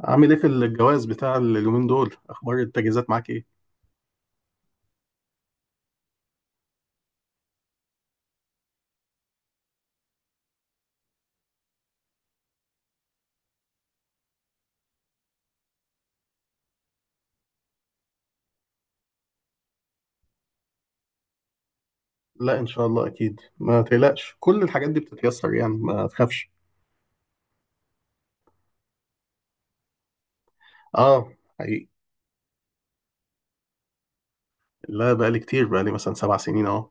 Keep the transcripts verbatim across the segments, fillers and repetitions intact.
عامل ايه في الجواز بتاع اليومين دول؟ اخبار التجهيزات معاك ايه؟ لا ان شاء الله اكيد، ما تقلقش. كل الحاجات دي بتتيسر، يعني ما تخافش. اه. حقيقي. لا بقالي كتير، بقالي مثلا سبع سنين اهو.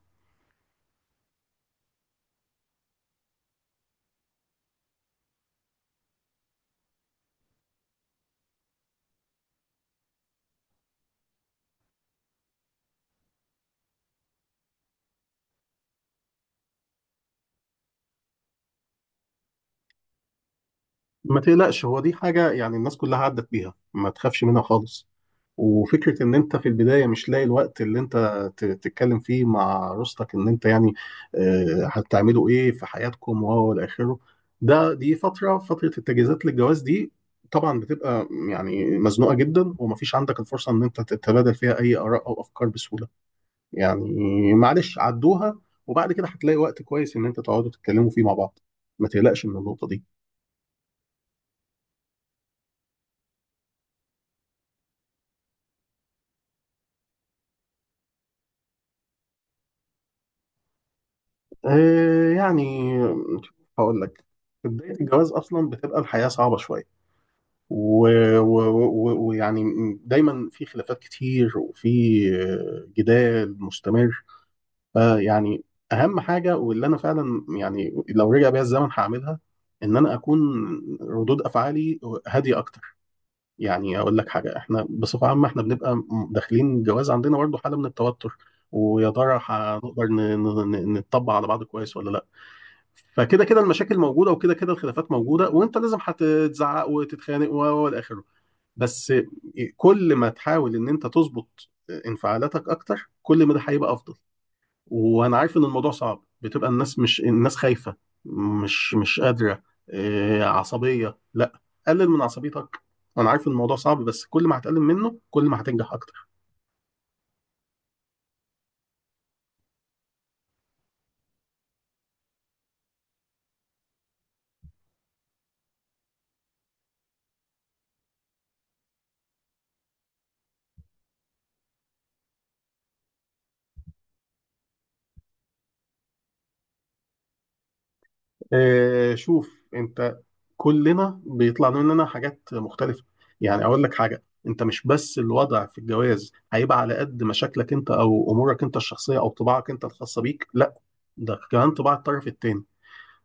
ما تقلقش، هو دي حاجة يعني الناس كلها عدت بيها، ما تخافش منها خالص. وفكرة إن أنت في البداية مش لاقي الوقت اللي أنت ت- تتكلم فيه مع أسرتك، إن أنت يعني آه، هتعملوا إيه في حياتكم، وهو إلى آخره. ده دي فترة فترة التجهيزات للجواز دي طبعا بتبقى يعني مزنوقة جدا، ومفيش عندك الفرصة إن أنت تتبادل فيها أي آراء أو أفكار بسهولة. يعني معلش عدوها، وبعد كده هتلاقي وقت كويس إن أنت تقعدوا تتكلموا فيه مع بعض. ما تقلقش من النقطة دي. آه، يعني هقول لك، في بداية الجواز أصلا بتبقى الحياة صعبة شوية، و- و- و- ويعني دايما في خلافات كتير، وفي جدال مستمر. فيعني اهم حاجه واللي انا فعلا يعني لو رجع بيا الزمن هعملها، ان انا اكون ردود افعالي هاديه اكتر. يعني اقول لك حاجه، احنا بصفه عامه احنا بنبقى داخلين الجواز عندنا برضه حاله من التوتر، ويا ترى هنقدر ن- ن- ن- نطبق على بعض كويس ولا لا. فكده كده المشاكل موجوده، وكده كده الخلافات موجوده، وانت لازم هتتزعق وتتخانق و- والى اخره. بس كل ما تحاول ان انت تظبط انفعالاتك اكتر، كل ما ده هيبقى افضل. وانا عارف ان الموضوع صعب، بتبقى الناس مش الناس خايفة، مش مش قادرة. آه، عصبية، لا، قلل من عصبيتك. انا عارف ان الموضوع صعب، بس كل ما هتقلل منه كل ما هتنجح اكتر. آه، شوف انت، كلنا بيطلع مننا حاجات مختلفة. يعني أقول لك حاجة، أنت مش بس الوضع في الجواز هيبقى على قد مشاكلك أنت أو أمورك أنت الشخصية أو طباعك أنت الخاصة بيك، لا، ده كمان طباع الطرف التاني.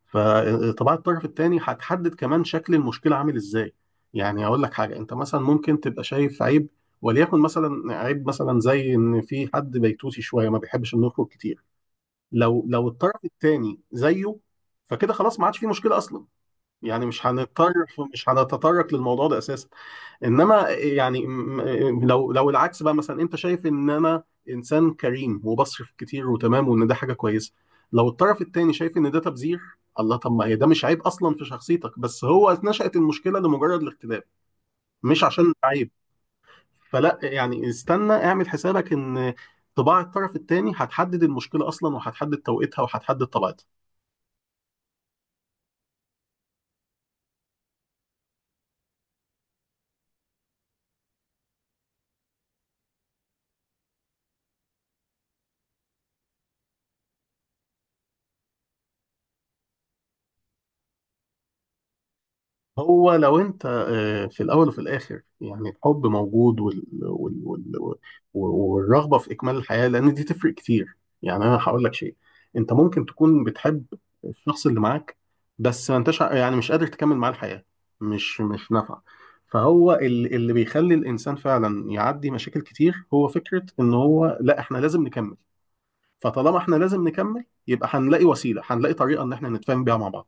فطباع الطرف التاني هتحدد كمان شكل المشكلة عامل إزاي. يعني أقول لك حاجة، أنت مثلا ممكن تبقى شايف عيب، وليكن مثلا عيب مثلا زي إن في حد بيتوتي شوية ما بيحبش إنه يخرج كتير. لو لو الطرف التاني زيه، فكده خلاص ما عادش في مشكلة أصلا، يعني مش هنضطر، مش هنتطرق للموضوع ده اساسا. انما يعني م- م- لو لو العكس بقى، مثلا انت شايف ان انا انسان كريم وبصرف كتير وتمام، وان ده حاجه كويسه، لو الطرف التاني شايف ان ده تبذير. الله، طب ما هي ده مش عيب اصلا في شخصيتك، بس هو نشأت المشكله لمجرد الاختلاف، مش عشان عيب. فلا يعني استنى اعمل حسابك ان طباع الطرف التاني هتحدد المشكله اصلا، وهتحدد توقيتها، وهتحدد طبيعتها. هو لو انت آه، في الاول وفي الاخر يعني الحب موجود، وال... وال... وال... والرغبه في اكمال الحياه، لان دي تفرق كتير. يعني انا هقول لك شيء، انت ممكن تكون بتحب الشخص اللي معاك، بس ما انتش ع- يعني مش قادر تكمل معاه الحياه، مش مش نافعه. فهو ال- اللي بيخلي الانسان فعلا يعدي مشاكل كتير هو فكره ان هو لا، احنا لازم نكمل. فطالما احنا لازم نكمل، يبقى هنلاقي وسيله، هنلاقي طريقه ان احنا نتفاهم بيها مع بعض.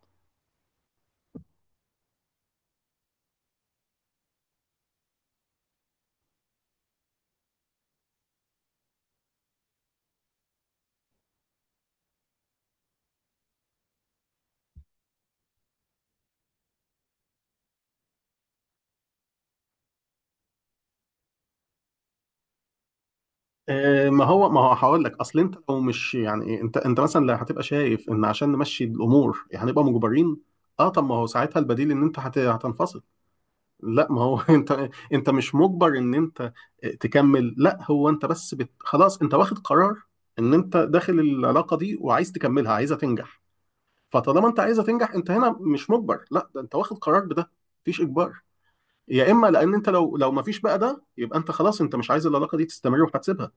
آه، ما هو ما هو هقول لك اصل انت لو مش يعني إيه، انت انت مثلا لو هتبقى شايف ان عشان نمشي الامور هنبقى مجبرين، اه طب ما هو ساعتها البديل ان انت هت- هتنفصل. لا ما هو انت انت مش مجبر ان انت تكمل. لا هو انت بس بت خلاص، انت واخد قرار ان انت داخل العلاقه دي وعايز تكملها، عايزها تنجح. فطالما انت عايزها تنجح، انت هنا مش مجبر، لا ده انت واخد قرار بده، مفيش اجبار. يا اما لان انت لو لو مفيش بقى ده، يبقى انت خلاص انت مش عايز العلاقه دي تستمر، وهتسيبها.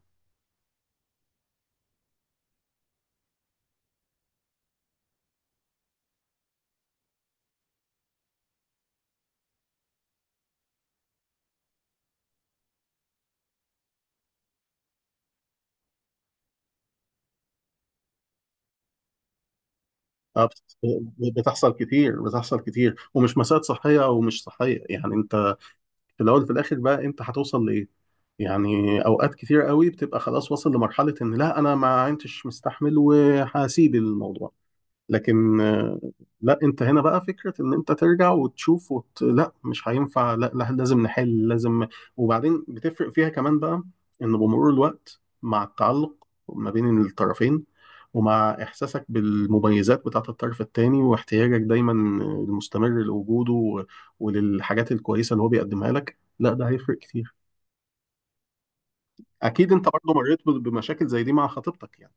آه، بت- بتحصل كتير، بتحصل كتير، ومش مسائل صحية أو مش صحية. يعني أنت في الأول في الآخر بقى أنت هتوصل لإيه؟ يعني أوقات كتير قوي بتبقى خلاص واصل لمرحلة إن لا أنا ما عدتش مستحمل وهسيب الموضوع، لكن آه، لا انت هنا بقى فكرة ان انت ترجع وتشوف وت، لا مش هينفع، لا, لا لازم نحل، لازم. وبعدين بتفرق فيها كمان بقى، ان بمرور الوقت مع التعلق ما بين الطرفين، ومع احساسك بالمميزات بتاعة الطرف التاني، واحتياجك دايما المستمر لوجوده، و... وللحاجات الكويسة اللي هو بيقدمها لك، لا ده هيفرق كتير. اكيد انت برضه مريت ب- بمشاكل زي دي مع خطيبتك يعني.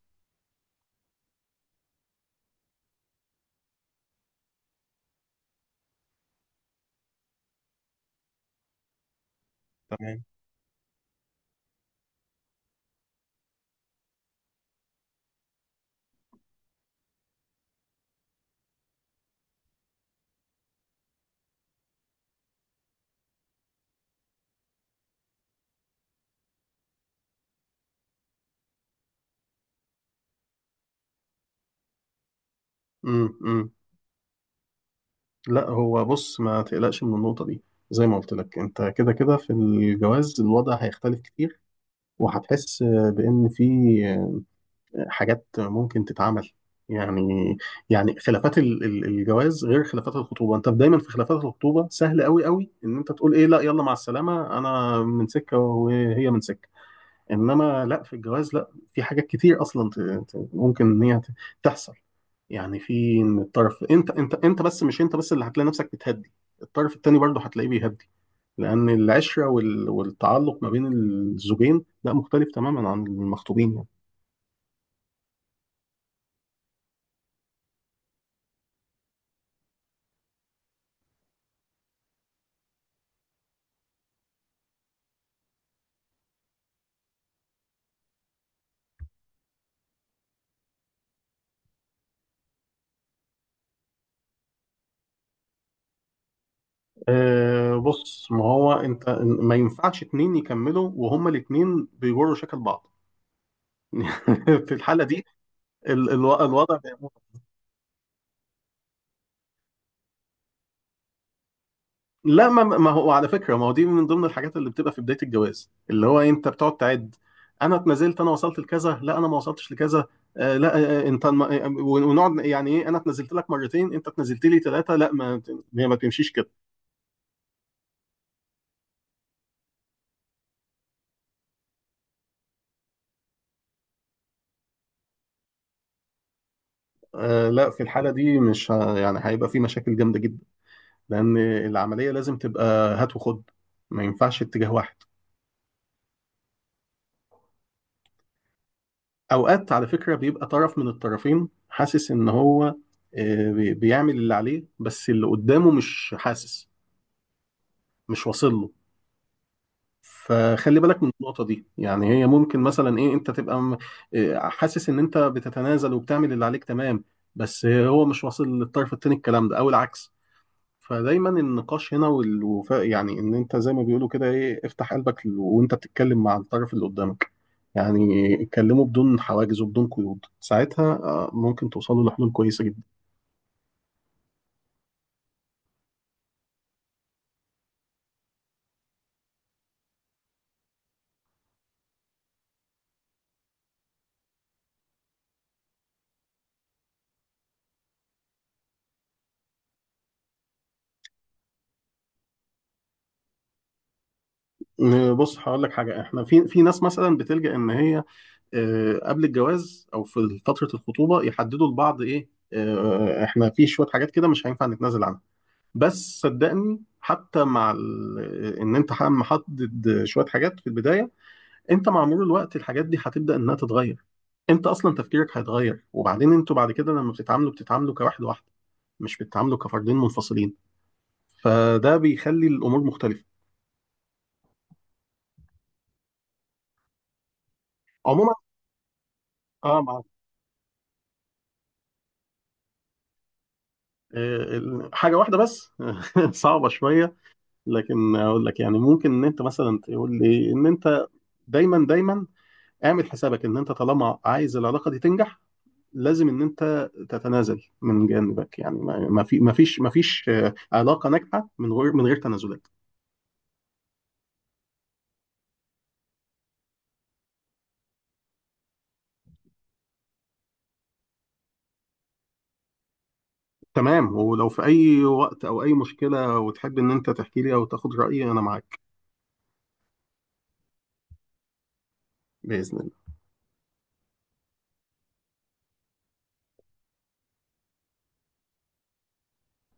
تمام. امم، لا هو بص ما تقلقش من النقطة دي. زي ما قلت لك، انت كده كده في الجواز الوضع هيختلف كتير، وهتحس بان في حاجات ممكن تتعمل. يعني يعني خلافات ال- ال- الجواز غير خلافات الخطوبة. انت دايما في خلافات الخطوبة سهل قوي قوي ان انت تقول ايه، لا يلا مع السلامة، انا من سكة وهي من سكة. انما لا، في الجواز لا، في حاجات كتير اصلا ت- ت- ممكن ان هي ت- تحصل. يعني في ان الطرف انت انت انت، بس مش انت بس اللي هتلاقي نفسك بتهدي، الطرف التاني برضه هتلاقيه بيهدي، لان العشره وال- والتعلق ما بين الزوجين لا، مختلف تماما عن المخطوبين يعني. أه بص، ما هو انت ما ينفعش اتنين يكملوا وهما الاتنين بيجروا شكل بعض في الحاله دي ال- الو- الوضع. لا، ما ما هو على فكره، ما هو دي من ضمن الحاجات اللي بتبقى في بدايه الجواز، اللي هو انت بتقعد تعد، انا اتنازلت، انا وصلت لكذا، لا انا ما وصلتش لكذا. آه لا آه آه، انت ما- آه، ونقعد يعني ايه، انا اتنازلت لك مرتين، انت اتنازلت لي ثلاثه، لا، ما هي ما تمشيش كده. آه لا، في الحاله دي مش ه- يعني هيبقى في مشاكل جامده جدا، لان العمليه لازم تبقى هات وخد، ما ينفعش اتجاه واحد. اوقات على فكره بيبقى طرف من الطرفين حاسس ان هو آه، بي- بيعمل اللي عليه، بس اللي قدامه مش حاسس، مش واصل له. فخلي بالك من النقطة دي. يعني هي ممكن مثلا ايه، انت تبقى م- إيه، حاسس ان انت بتتنازل وبتعمل اللي عليك تمام، بس هو مش واصل للطرف التاني الكلام ده، او العكس. فدايما النقاش هنا والوفاء، يعني ان انت زي ما بيقولوا كده ايه، افتح قلبك ل- وانت بتتكلم مع الطرف اللي قدامك. يعني اتكلموا بدون حواجز وبدون قيود، ساعتها آه، ممكن توصلوا لحلول كويسة جدا. آه، بص هقول لك حاجة، احنا في في ناس مثلا بتلجأ ان هي آه، قبل الجواز او في فتره الخطوبه يحددوا لبعض ايه، آه، احنا في شويه حاجات كده مش هينفع نتنازل عنها. بس صدقني، حتى مع ال- ان انت ح- محدد شويه حاجات في البدايه، انت مع مرور الوقت الحاجات دي هتبدا انها تتغير. انت اصلا تفكيرك هيتغير، وبعدين انتوا بعد كده لما بتتعاملوا بتتعاملوا كواحد واحده، مش بتتعاملوا كفردين منفصلين. فده بيخلي الامور مختلفه. عموما اه، مع آه، ال- حاجه واحده بس صعبه شويه، لكن اقول لك، يعني ممكن ان انت مثلا تقول لي ان انت دايما دايما اعمل حسابك ان انت طالما عايز العلاقه دي تنجح، لازم ان انت تتنازل من جانبك. يعني ما ما في ما فيش ما فيش آه، علاقه ناجحه من غير من غير تنازلات. تمام، ولو في اي وقت او اي مشكله وتحب ان انت تحكي لي او تاخد رايي، انا معاك. باذن